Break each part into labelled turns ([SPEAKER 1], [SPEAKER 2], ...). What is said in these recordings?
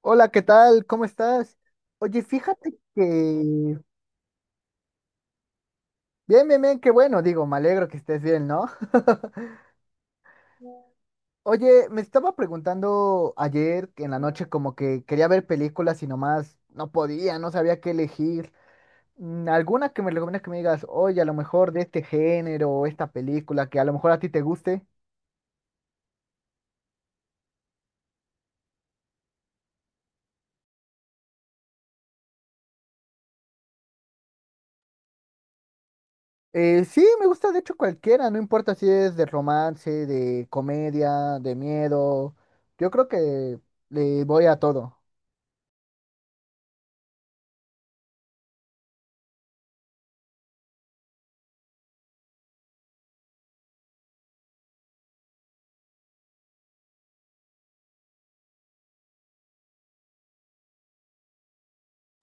[SPEAKER 1] Hola, ¿qué tal? ¿Cómo estás? Oye, fíjate que... Bien, bien, bien, qué bueno, digo, me alegro que estés bien, ¿no? Oye, me estaba preguntando ayer en la noche como que quería ver películas y nomás no podía, no sabía qué elegir. Mm, ¿alguna que me recomiendas que me digas, oye, a lo mejor de este género o esta película que a lo mejor a ti te guste? Sí, me gusta de hecho cualquiera, no importa si es de romance, de comedia, de miedo. Yo creo que le voy a todo.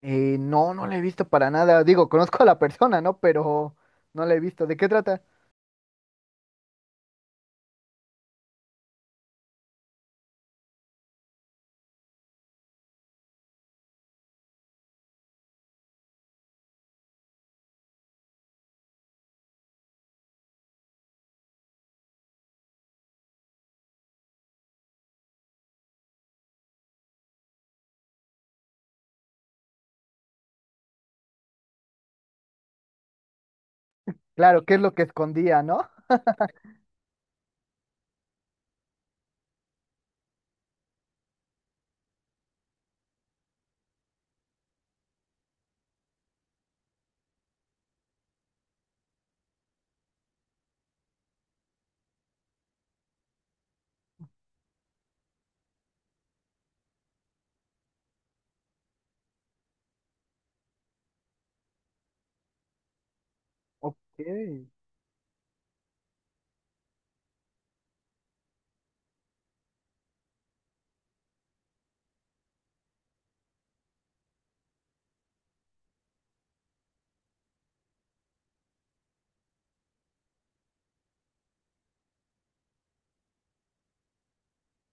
[SPEAKER 1] No, no la he visto para nada. Digo, conozco a la persona, ¿no? Pero no la he visto. ¿De qué trata? Claro, ¿qué es lo que escondía, no? Ok.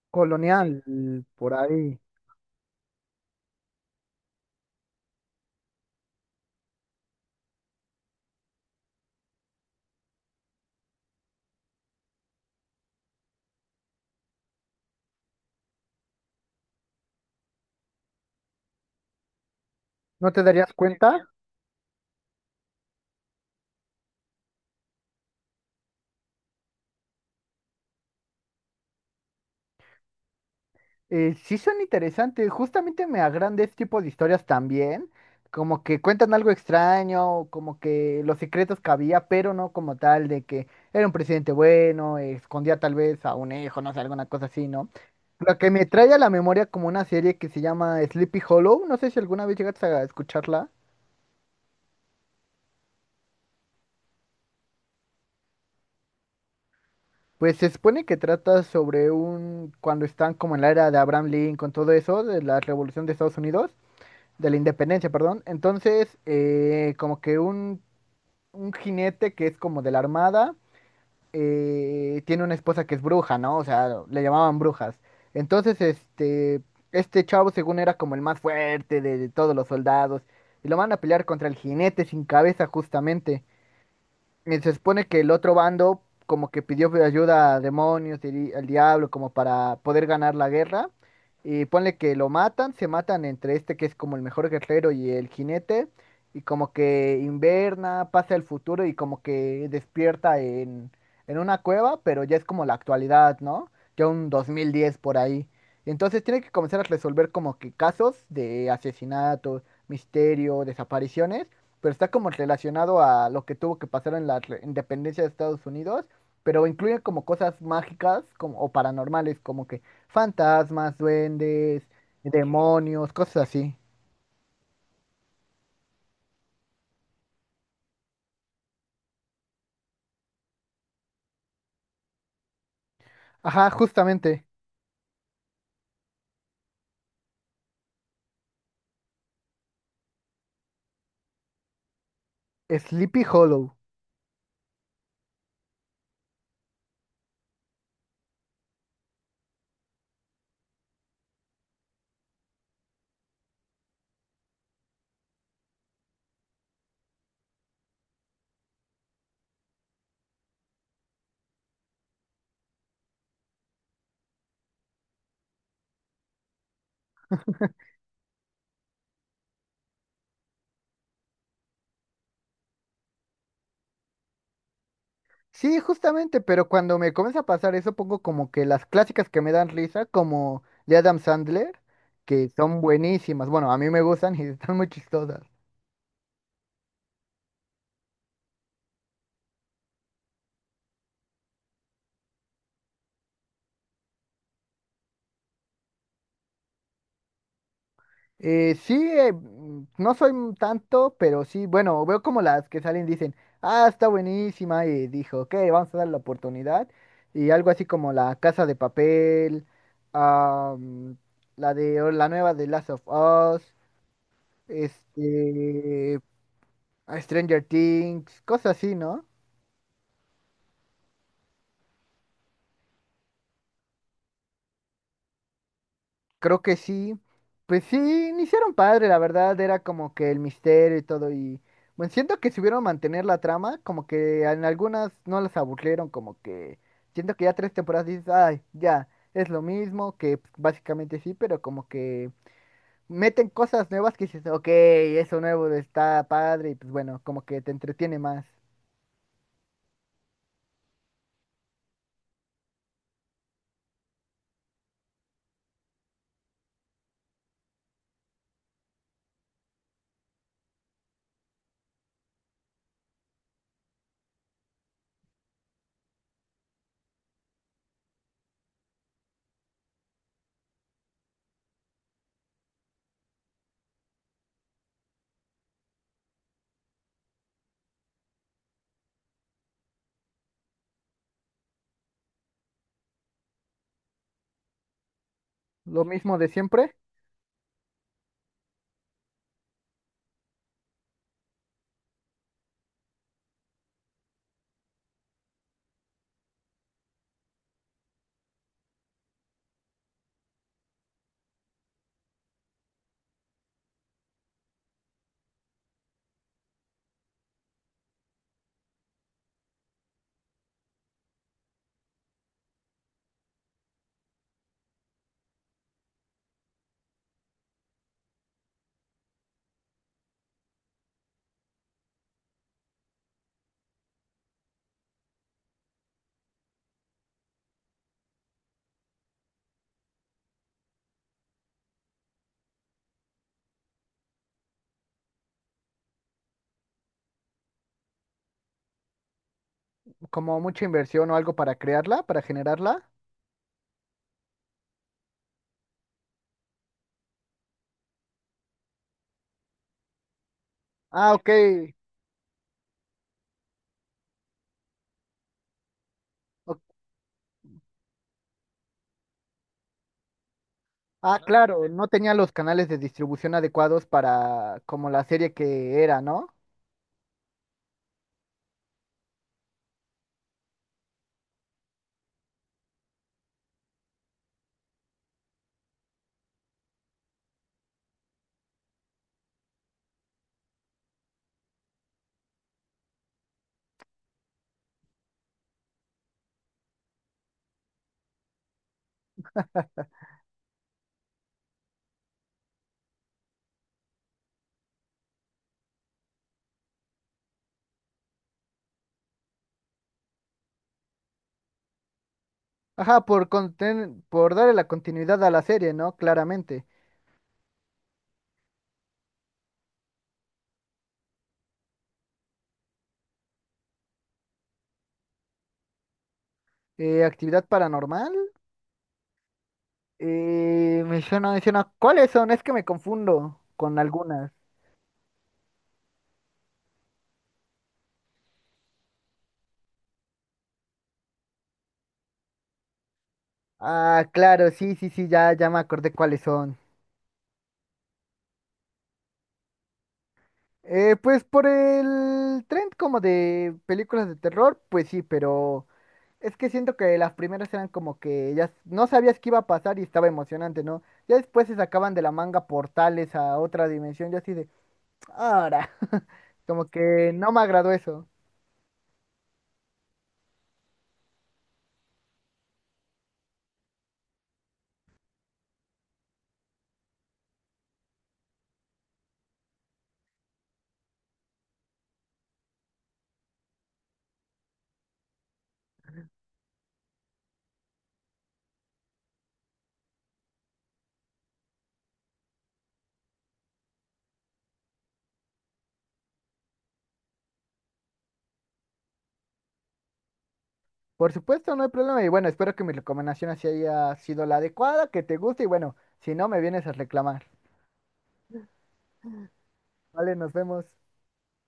[SPEAKER 1] Colonial, por ahí. ¿No te darías cuenta? Sí son interesantes, justamente me agranda este tipo de historias también, como que cuentan algo extraño, como que los secretos que había, pero no como tal de que era un presidente bueno, escondía tal vez a un hijo, no sé, alguna cosa así, ¿no? Lo que me trae a la memoria como una serie que se llama Sleepy Hollow, no sé si alguna vez llegaste a escucharla. Pues se supone que trata sobre un, cuando están como en la era de Abraham Lincoln, todo eso, de la revolución de Estados Unidos. De la independencia, perdón. Entonces, como que un jinete que es como de la armada, tiene una esposa que es bruja, ¿no? O sea, le llamaban brujas. Entonces, este chavo según era como el más fuerte de todos los soldados. Y lo van a pelear contra el jinete sin cabeza justamente. Y se supone que el otro bando como que pidió ayuda a demonios y al diablo como para poder ganar la guerra. Y ponle que lo matan, se matan entre este que es como el mejor guerrero y el jinete. Y como que inverna, pasa el futuro y como que despierta en una cueva, pero ya es como la actualidad, ¿no? Ya un 2010 por ahí. Entonces tiene que comenzar a resolver como que casos de asesinato, misterio, desapariciones, pero está como relacionado a lo que tuvo que pasar en la independencia de Estados Unidos, pero incluye como cosas mágicas como, o paranormales, como que fantasmas, duendes, demonios, cosas así. Ajá, justamente. Sleepy Hollow. Sí, justamente, pero cuando me comienza a pasar eso, pongo como que las clásicas que me dan risa, como de Adam Sandler, que son buenísimas. Bueno, a mí me gustan y están muy chistosas. Sí, no soy un tanto, pero sí, bueno, veo como las que salen dicen, ah, está buenísima, y dijo, ok, vamos a darle la oportunidad, y algo así como La Casa de Papel, ah, mm, la de o la nueva de Last of Us, este, Stranger Things, cosas así, ¿no? Creo que sí. Pues sí, iniciaron padre, la verdad, era como que el misterio y todo. Y bueno, siento que supieron mantener la trama, como que en algunas no las aburrieron, como que siento que ya tres temporadas dices, ay, ya, es lo mismo, que pues, básicamente sí, pero como que meten cosas nuevas que dices, ok, eso nuevo está padre, y pues bueno, como que te entretiene más. Lo mismo de siempre, como mucha inversión o algo para crearla, para generarla. Ah, ok, ok. Ah, claro, no tenía los canales de distribución adecuados para como la serie que era, ¿no? Ajá, por darle la continuidad a la serie, ¿no? Claramente. Actividad paranormal. Me suena, me suena. ¿Cuáles son? Es que me confundo con algunas. Ah, claro, sí, sí, sí, ya, ya me acordé cuáles son. Pues por el trend como de películas de terror, pues sí, pero es que siento que las primeras eran como que ya no sabías qué iba a pasar y estaba emocionante, ¿no? Ya después se sacaban de la manga portales a otra dimensión, yo así de, ahora, como que no me agradó eso. Por supuesto, no hay problema y bueno, espero que mi recomendación así haya sido la adecuada, que te guste y bueno, si no, me vienes a reclamar. Vale, nos vemos.